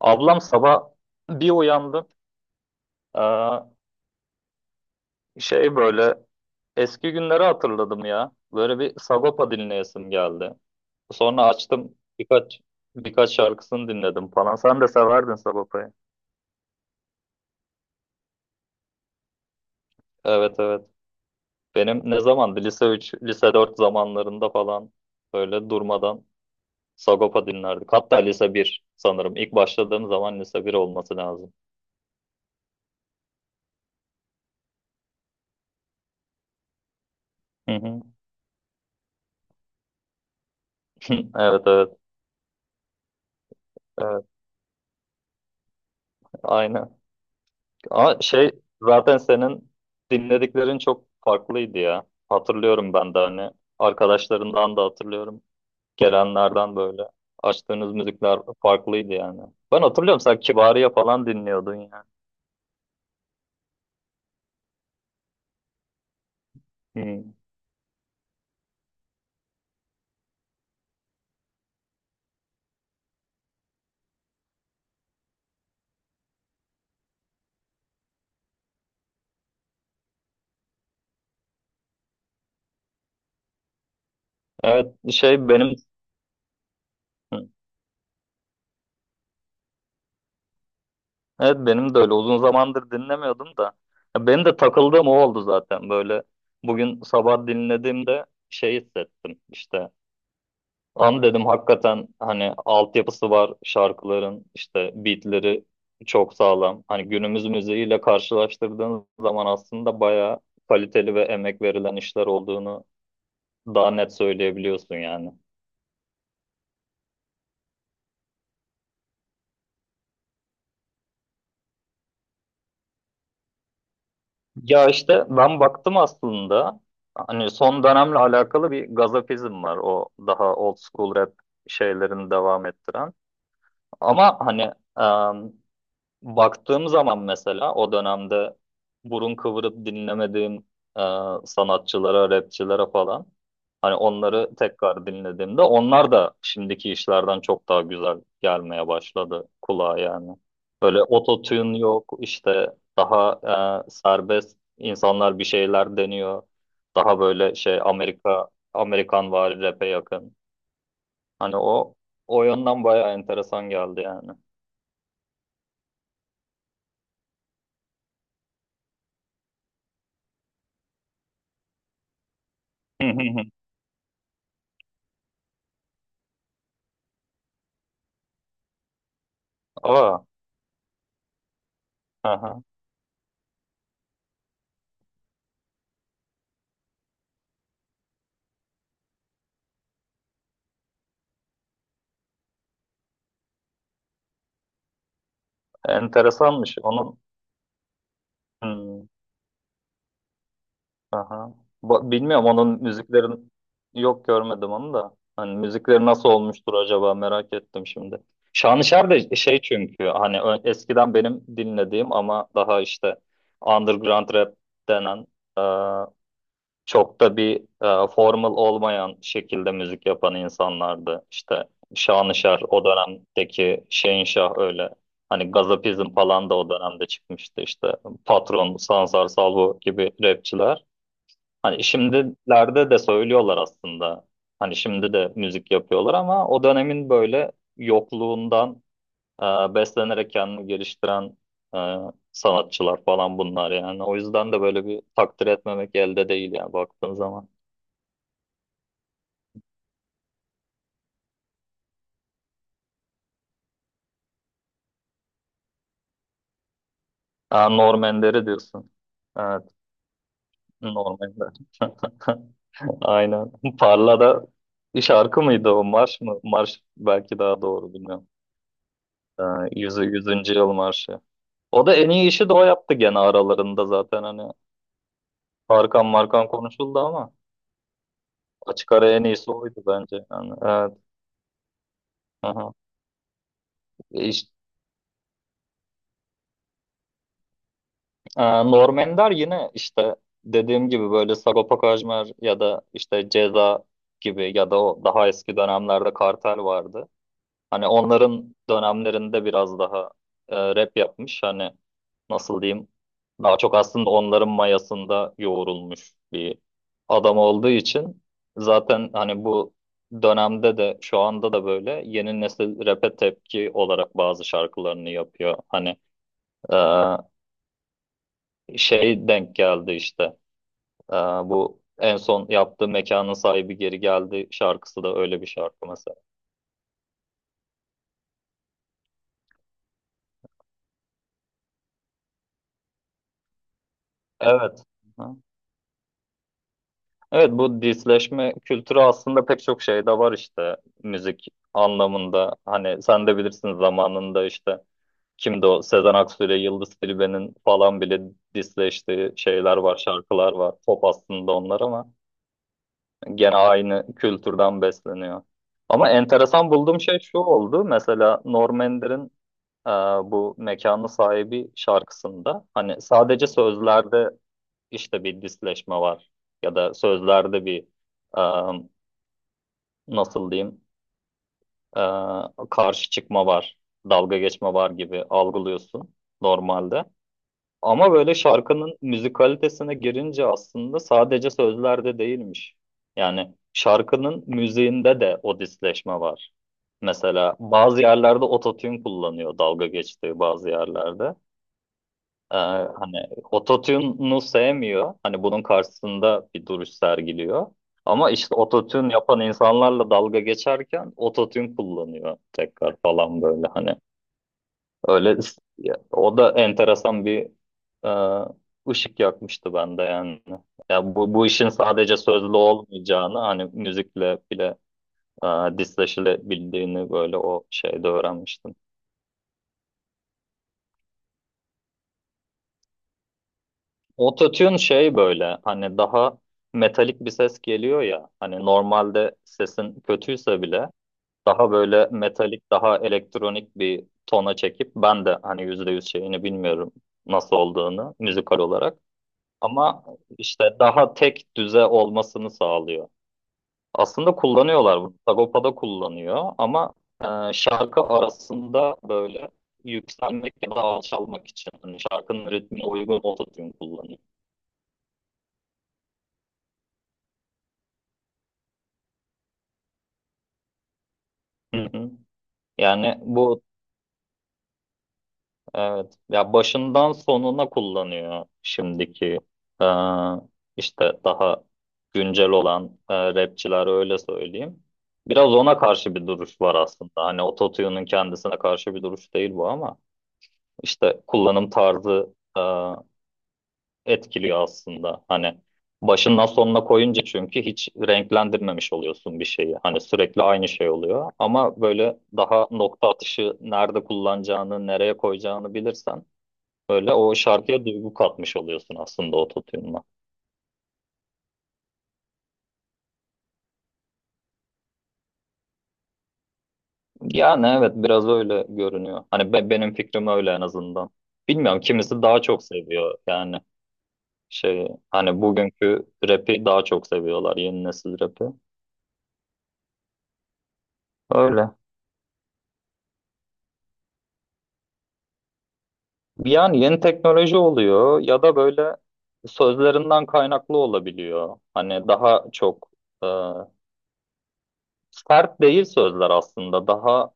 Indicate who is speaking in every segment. Speaker 1: Ablam sabah bir uyandım. Ee, şey böyle eski günleri hatırladım ya. Böyle bir Sagopa dinleyesim geldi. Sonra açtım birkaç şarkısını dinledim falan. Sen de severdin Sagopa'yı. Evet evet. Benim ne zamandı? Lise 3, lise 4 zamanlarında falan böyle durmadan Sagopa dinlerdik. Hatta lise bir sanırım. İlk başladığım zaman lise bir olması lazım. Hı hı. Evet evet. Evet. Aynen. Ama şey zaten senin dinlediklerin çok farklıydı ya. Hatırlıyorum ben de hani arkadaşlarından da hatırlıyorum. Gelenlerden böyle açtığınız müzikler farklıydı yani. Ben hatırlıyorum sen Kibariye falan dinliyordun yani. Hı. Evet şey benim hı. Evet benim de öyle uzun zamandır dinlemiyordum da. Ya benim de takıldığım o oldu zaten böyle. Bugün sabah dinlediğimde şey hissettim işte. An dedim hakikaten hani altyapısı var şarkıların işte beatleri çok sağlam. Hani günümüz müziğiyle karşılaştırdığınız zaman aslında bayağı kaliteli ve emek verilen işler olduğunu daha net söyleyebiliyorsun yani. Ya işte ben baktım aslında hani son dönemle alakalı bir gazapizm var, o daha old school rap şeylerini devam ettiren. Ama hani baktığım zaman mesela o dönemde burun kıvırıp dinlemediğim e, sanatçılara, rapçilere falan, hani onları tekrar dinlediğimde onlar da şimdiki işlerden çok daha güzel gelmeye başladı kulağa yani. Böyle ototune yok işte, daha serbest insanlar bir şeyler deniyor. Daha böyle şey Amerika Amerikan vari rap'e yakın. Hani o o yönden bayağı enteresan geldi yani. Aa, aha. Enteresanmış. Onun hmm, aha. Ba- bilmiyorum onun müziklerin, yok görmedim onu da. Hani müzikleri nasıl olmuştur acaba merak ettim şimdi. Şanışer de şey çünkü hani ö- eskiden benim dinlediğim ama daha işte underground rap denen, çok da bir formal olmayan şekilde müzik yapan insanlardı. İşte Şanışer o dönemdeki, Şehinşah öyle. Hani Gazapizm falan da o dönemde çıkmıştı işte. Patron, Sansar Salvo gibi rapçiler. Hani şimdilerde de söylüyorlar aslında. Hani şimdi de müzik yapıyorlar ama o dönemin böyle yokluğundan e, beslenerek kendini geliştiren e, sanatçılar falan bunlar yani. O yüzden de böyle bir takdir etmemek elde değil yani baktığın zaman. Aa, Normanleri diyorsun. Evet, Normanler. Aynen. Parlada bir şarkı mıydı o? Marş mı? Marş belki daha doğru, bilmiyorum. Aa, yüzü, yüzüncü yıl marşı. O da en iyi işi de o yaptı gene aralarında zaten hani. Tarkan Markan konuşuldu ama açık ara en iyisi oydu bence. Yani, evet. Aha. E İşte, aa, Norm Ender yine işte dediğim gibi böyle Sagopa Kajmer ya da işte Ceza gibi, ya da o daha eski dönemlerde Kartel vardı. Hani onların dönemlerinde biraz daha rap yapmış. Hani nasıl diyeyim? Daha çok aslında onların mayasında yoğrulmuş bir adam olduğu için zaten hani bu dönemde de şu anda da böyle yeni nesil rap'e tepki olarak bazı şarkılarını yapıyor. Hani e, şey denk geldi işte. Bu en son yaptığı Mekanın Sahibi Geri Geldi şarkısı da öyle bir şarkı mesela. Evet. Evet, bu disleşme kültürü aslında pek çok şeyde var işte müzik anlamında. Hani sen de bilirsin, zamanında işte kimdi o Sezen Aksu ile Yıldız Tilbe'nin falan bile disleştiği şeyler var, şarkılar var. Pop aslında onlar ama gene aynı kültürden besleniyor. Ama enteresan bulduğum şey şu oldu. Mesela Norm Ender'in e, bu Mekanı Sahibi şarkısında hani sadece sözlerde işte bir disleşme var, ya da sözlerde bir e, nasıl diyeyim e, karşı çıkma var, dalga geçme var gibi algılıyorsun normalde. Ama böyle şarkının müzikalitesine girince aslında sadece sözlerde değilmiş. Yani şarkının müziğinde de o disleşme var. Mesela bazı yerlerde ototune kullanıyor dalga geçtiği bazı yerlerde. Hani ototune'u sevmiyor. Hani bunun karşısında bir duruş sergiliyor. Ama işte ototune yapan insanlarla dalga geçerken ototune kullanıyor tekrar falan böyle hani. Öyle ya, o da enteresan bir ışık yakmıştı bende yani. Ya bu, bu işin sadece sözlü olmayacağını hani müzikle bile disleşilebildiğini böyle o şeyde öğrenmiştim. Autotune şey böyle hani daha metalik bir ses geliyor ya, hani normalde sesin kötüyse bile daha böyle metalik daha elektronik bir tona çekip, ben de hani yüzde yüz şeyini bilmiyorum nasıl olduğunu müzikal olarak ama işte daha tek düze olmasını sağlıyor. Aslında kullanıyorlar bunu. Sagopa'da kullanıyor ama şarkı arasında böyle yükselmek ya da alçalmak için hani şarkının ritmine uygun autotune kullanıyor. Hı hı. Yani bu evet ya başından sonuna kullanıyor şimdiki e, işte daha güncel olan rapçiler öyle söyleyeyim. Biraz ona karşı bir duruş var aslında. Hani ototune'un kendisine karşı bir duruş değil bu ama işte kullanım tarzı etkiliyor aslında. Hani başından sonuna koyunca çünkü hiç renklendirmemiş oluyorsun bir şeyi. Hani sürekli aynı şey oluyor. Ama böyle daha nokta atışı nerede kullanacağını, nereye koyacağını bilirsen böyle o şarkıya duygu katmış oluyorsun aslında o tutunma. Yani evet, biraz öyle görünüyor. Hani be- benim fikrim öyle en azından. Bilmiyorum, kimisi daha çok seviyor yani, şey hani bugünkü rap'i daha çok seviyorlar, yeni nesil rap'i. Öyle. Yani yeni teknoloji oluyor ya da böyle sözlerinden kaynaklı olabiliyor. Hani daha çok e, sert değil sözler aslında. Daha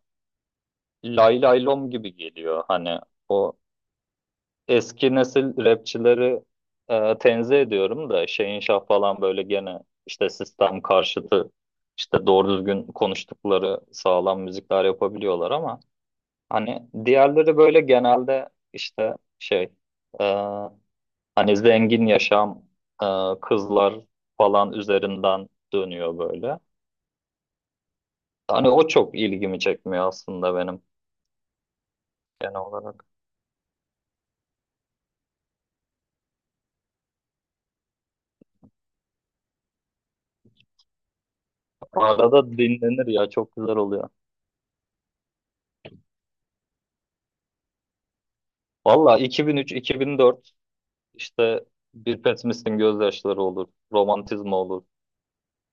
Speaker 1: lay lay lom gibi geliyor. Hani o eski nesil rapçileri tenzih ediyorum da Şeyin Şah falan böyle gene işte sistem karşıtı, işte doğru düzgün konuştukları sağlam müzikler yapabiliyorlar ama hani diğerleri böyle genelde işte şey e, hani zengin yaşam, e, kızlar falan üzerinden dönüyor böyle. Hani o çok ilgimi çekmiyor aslında benim genel olarak. Arada dinlenir ya, çok güzel oluyor. Valla 2003-2004 işte Bir Pesimistin Gözyaşları olur, Romantizma olur.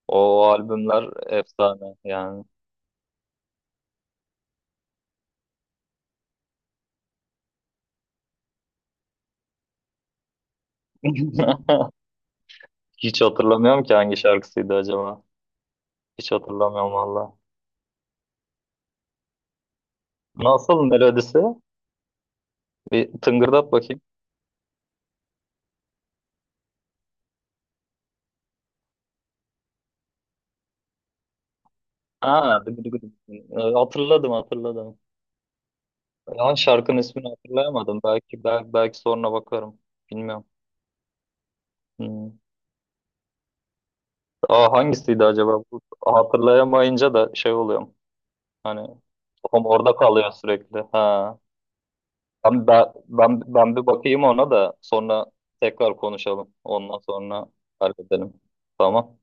Speaker 1: O albümler efsane yani. Hiç hatırlamıyorum ki hangi şarkısıydı acaba. Hiç hatırlamıyorum valla. Nasıl melodisi? Bir tıngırdat bakayım. Ha, dıgı dıgı dıgı. Hatırladım hatırladım. Lan şarkının ismini hatırlayamadım. Belki belki, belki sonra bakarım. Bilmiyorum. Hmm. Aa, hangisiydi acaba? Bu- hatırlayamayınca da şey oluyorum. Hani kafam orada kalıyor sürekli. Ha. Ben bir bakayım ona da, sonra tekrar konuşalım. Ondan sonra halledelim. Tamam.